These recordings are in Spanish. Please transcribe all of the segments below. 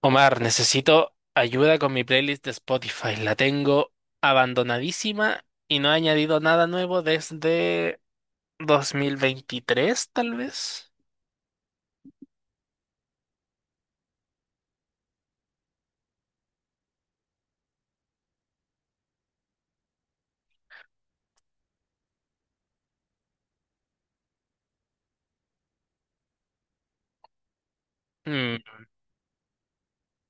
Omar, necesito ayuda con mi playlist de Spotify. La tengo abandonadísima y no he añadido nada nuevo desde 2023, tal vez. Mm,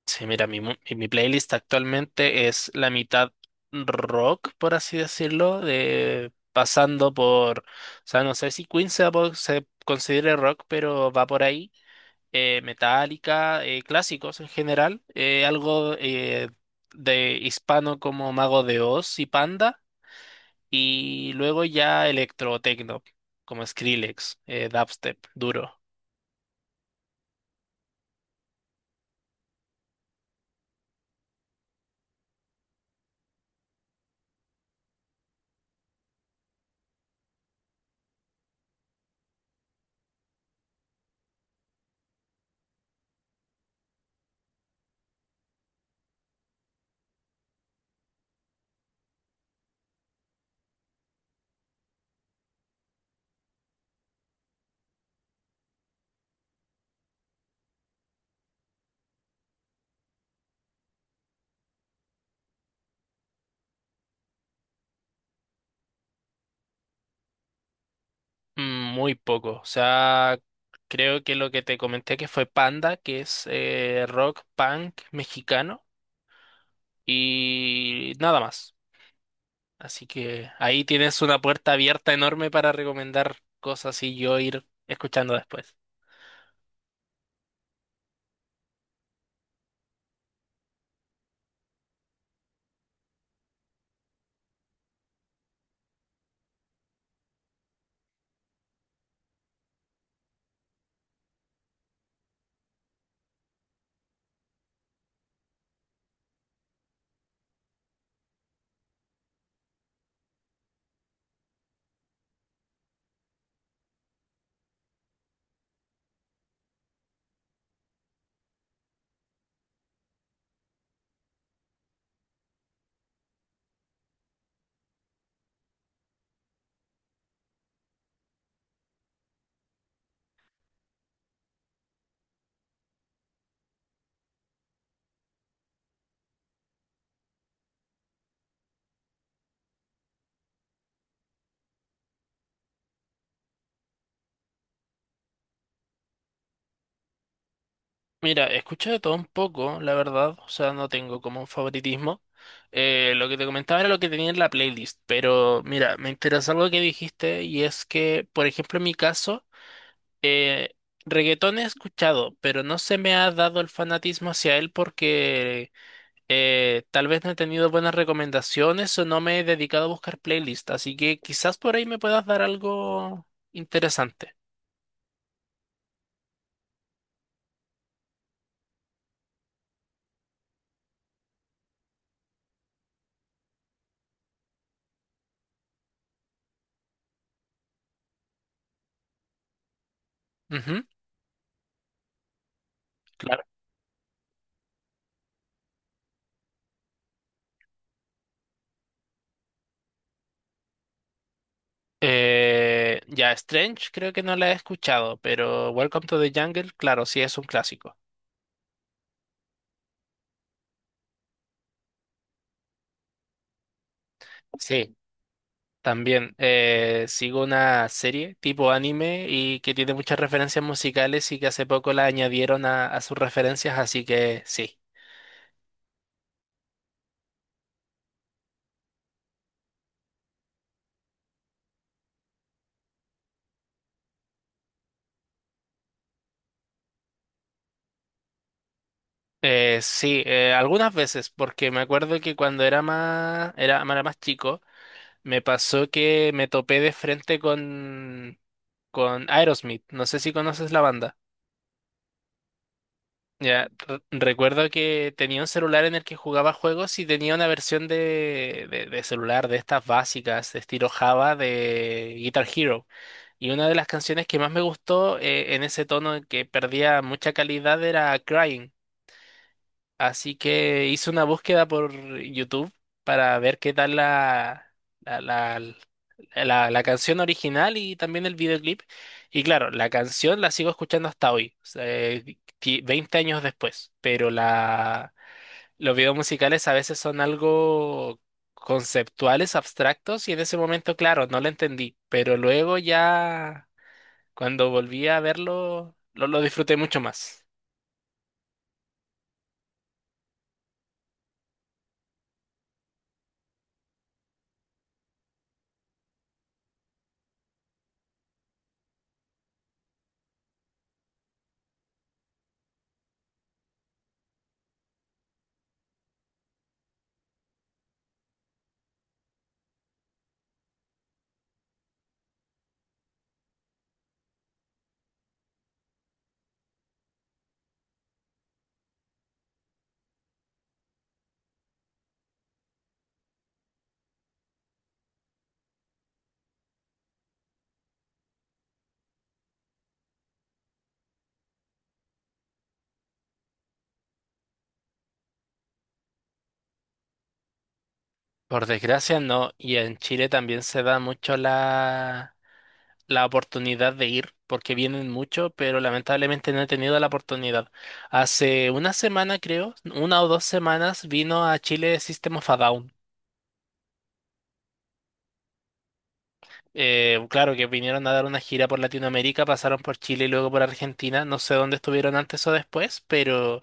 sí, mira, mi playlist actualmente es la mitad rock, por así decirlo, pasando por, o sea, no sé si Queen se considere rock, pero va por ahí. Metálica, clásicos en general, algo de hispano como Mago de Oz y Panda, y luego ya electrotecno, como Skrillex, dubstep, duro. Muy poco, o sea, creo que lo que te comenté que fue Panda, que es rock punk mexicano, y nada más. Así que ahí tienes una puerta abierta enorme para recomendar cosas y yo ir escuchando después. Mira, escucho de todo un poco, la verdad, o sea, no tengo como un favoritismo. Lo que te comentaba era lo que tenía en la playlist, pero mira, me interesa algo que dijiste y es que, por ejemplo, en mi caso, eh, reggaetón he escuchado, pero no se me ha dado el fanatismo hacia él porque tal vez no he tenido buenas recomendaciones o no me he dedicado a buscar playlists, así que quizás por ahí me puedas dar algo interesante. Ujú, claro. Ya, Strange creo que no la he escuchado, pero Welcome to the Jungle, claro, sí es un clásico. Sí, también sigo una serie tipo anime y que tiene muchas referencias musicales y que hace poco la añadieron a sus referencias, así que sí. Sí, algunas veces, porque me acuerdo que cuando era más chico, me pasó que me topé de frente con Aerosmith. No sé si conoces la banda. Ya, recuerdo que tenía un celular en el que jugaba juegos y tenía una versión de celular de estas básicas, de estilo Java, de Guitar Hero. Y una de las canciones que más me gustó, en ese tono en que perdía mucha calidad era Crying. Así que hice una búsqueda por YouTube para ver qué tal la, la, la canción original y también el videoclip. Y claro, la canción la sigo escuchando hasta hoy, o sea, 20 años después, pero los videos musicales a veces son algo conceptuales, abstractos, y en ese momento, claro, no lo entendí, pero luego ya cuando volví a verlo, lo disfruté mucho más. Por desgracia no, y en Chile también se da mucho la oportunidad de ir, porque vienen mucho, pero lamentablemente no he tenido la oportunidad. Hace una semana creo, una o dos semanas, vino a Chile System of a Down. Claro que vinieron a dar una gira por Latinoamérica, pasaron por Chile y luego por Argentina, no sé dónde estuvieron antes o después, pero.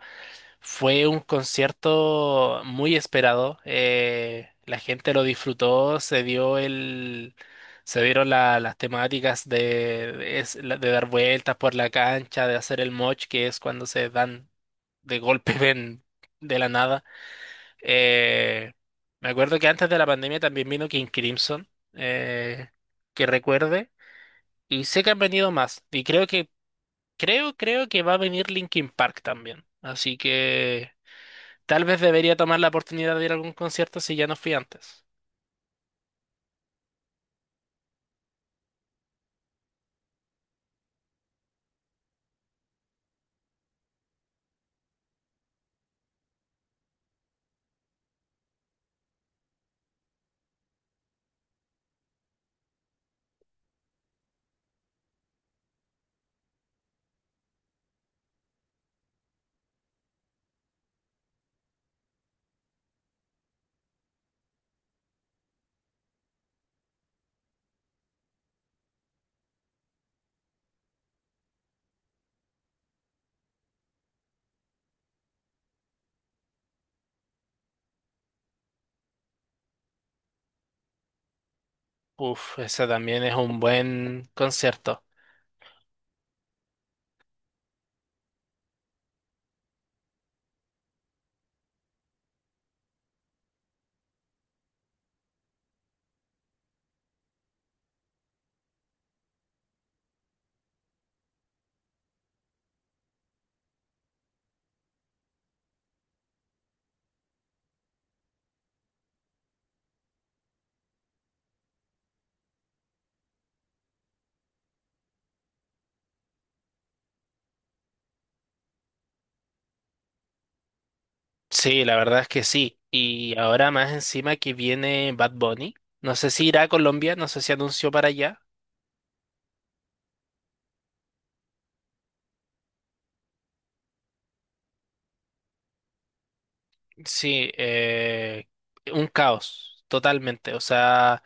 Fue un concierto muy esperado. La gente lo disfrutó, se dieron las temáticas de dar vueltas por la cancha, de hacer el moch, que es cuando se dan de golpe ven de la nada. Eh, Me acuerdo que antes de la pandemia también vino King Crimson, eh, que recuerde, y sé que han venido más. Y creo que va a venir Linkin Park también. Así que. Tal vez debería tomar la oportunidad de ir a algún concierto si ya no fui antes. Uf, ese también es un buen concierto. Sí, la verdad es que sí. Y ahora más encima que viene Bad Bunny. No sé si irá a Colombia, no sé si anunció para allá. Sí, un caos, totalmente. O sea,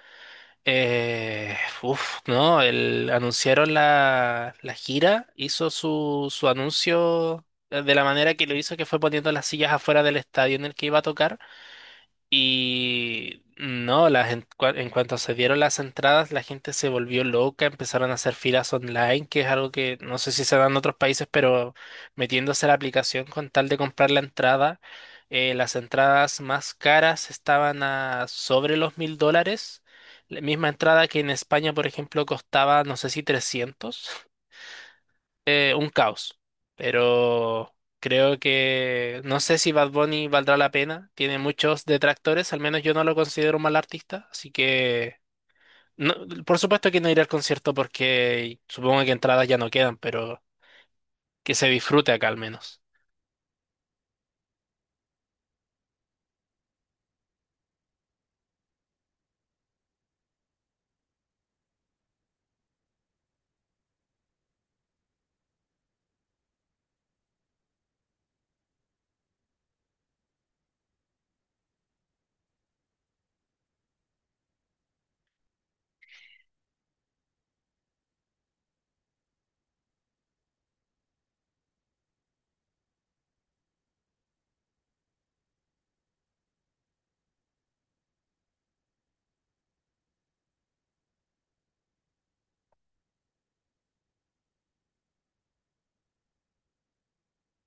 eh, uf, no, anunciaron la gira, hizo su anuncio de la manera que lo hizo, que fue poniendo las sillas afuera del estadio en el que iba a tocar. Y no, en cuanto se dieron las entradas, la gente se volvió loca, empezaron a hacer filas online, que es algo que no sé si se da en otros países, pero metiéndose a la aplicación con tal de comprar la entrada. Las entradas más caras estaban a sobre los $1000. La misma entrada que en España, por ejemplo, costaba, no sé si 300. Un caos. Pero creo que no sé si Bad Bunny valdrá la pena. Tiene muchos detractores, al menos yo no lo considero un mal artista. Así que, no- por supuesto que no iré al concierto porque supongo que entradas ya no quedan, pero que se disfrute acá al menos.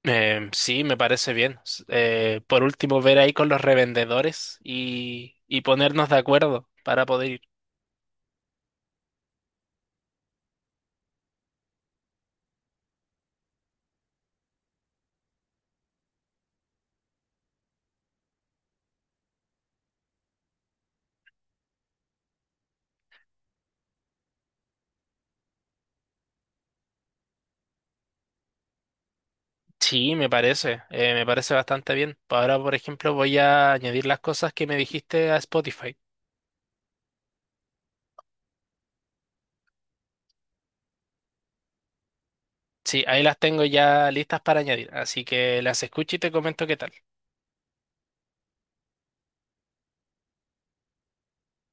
Sí, me parece bien. Por último, ver ahí con los revendedores y ponernos de acuerdo para poder ir. Sí, me parece bastante bien. Ahora, por ejemplo, voy a añadir las cosas que me dijiste a Spotify. Sí, ahí las tengo ya listas para añadir, así que las escucho y te comento qué tal.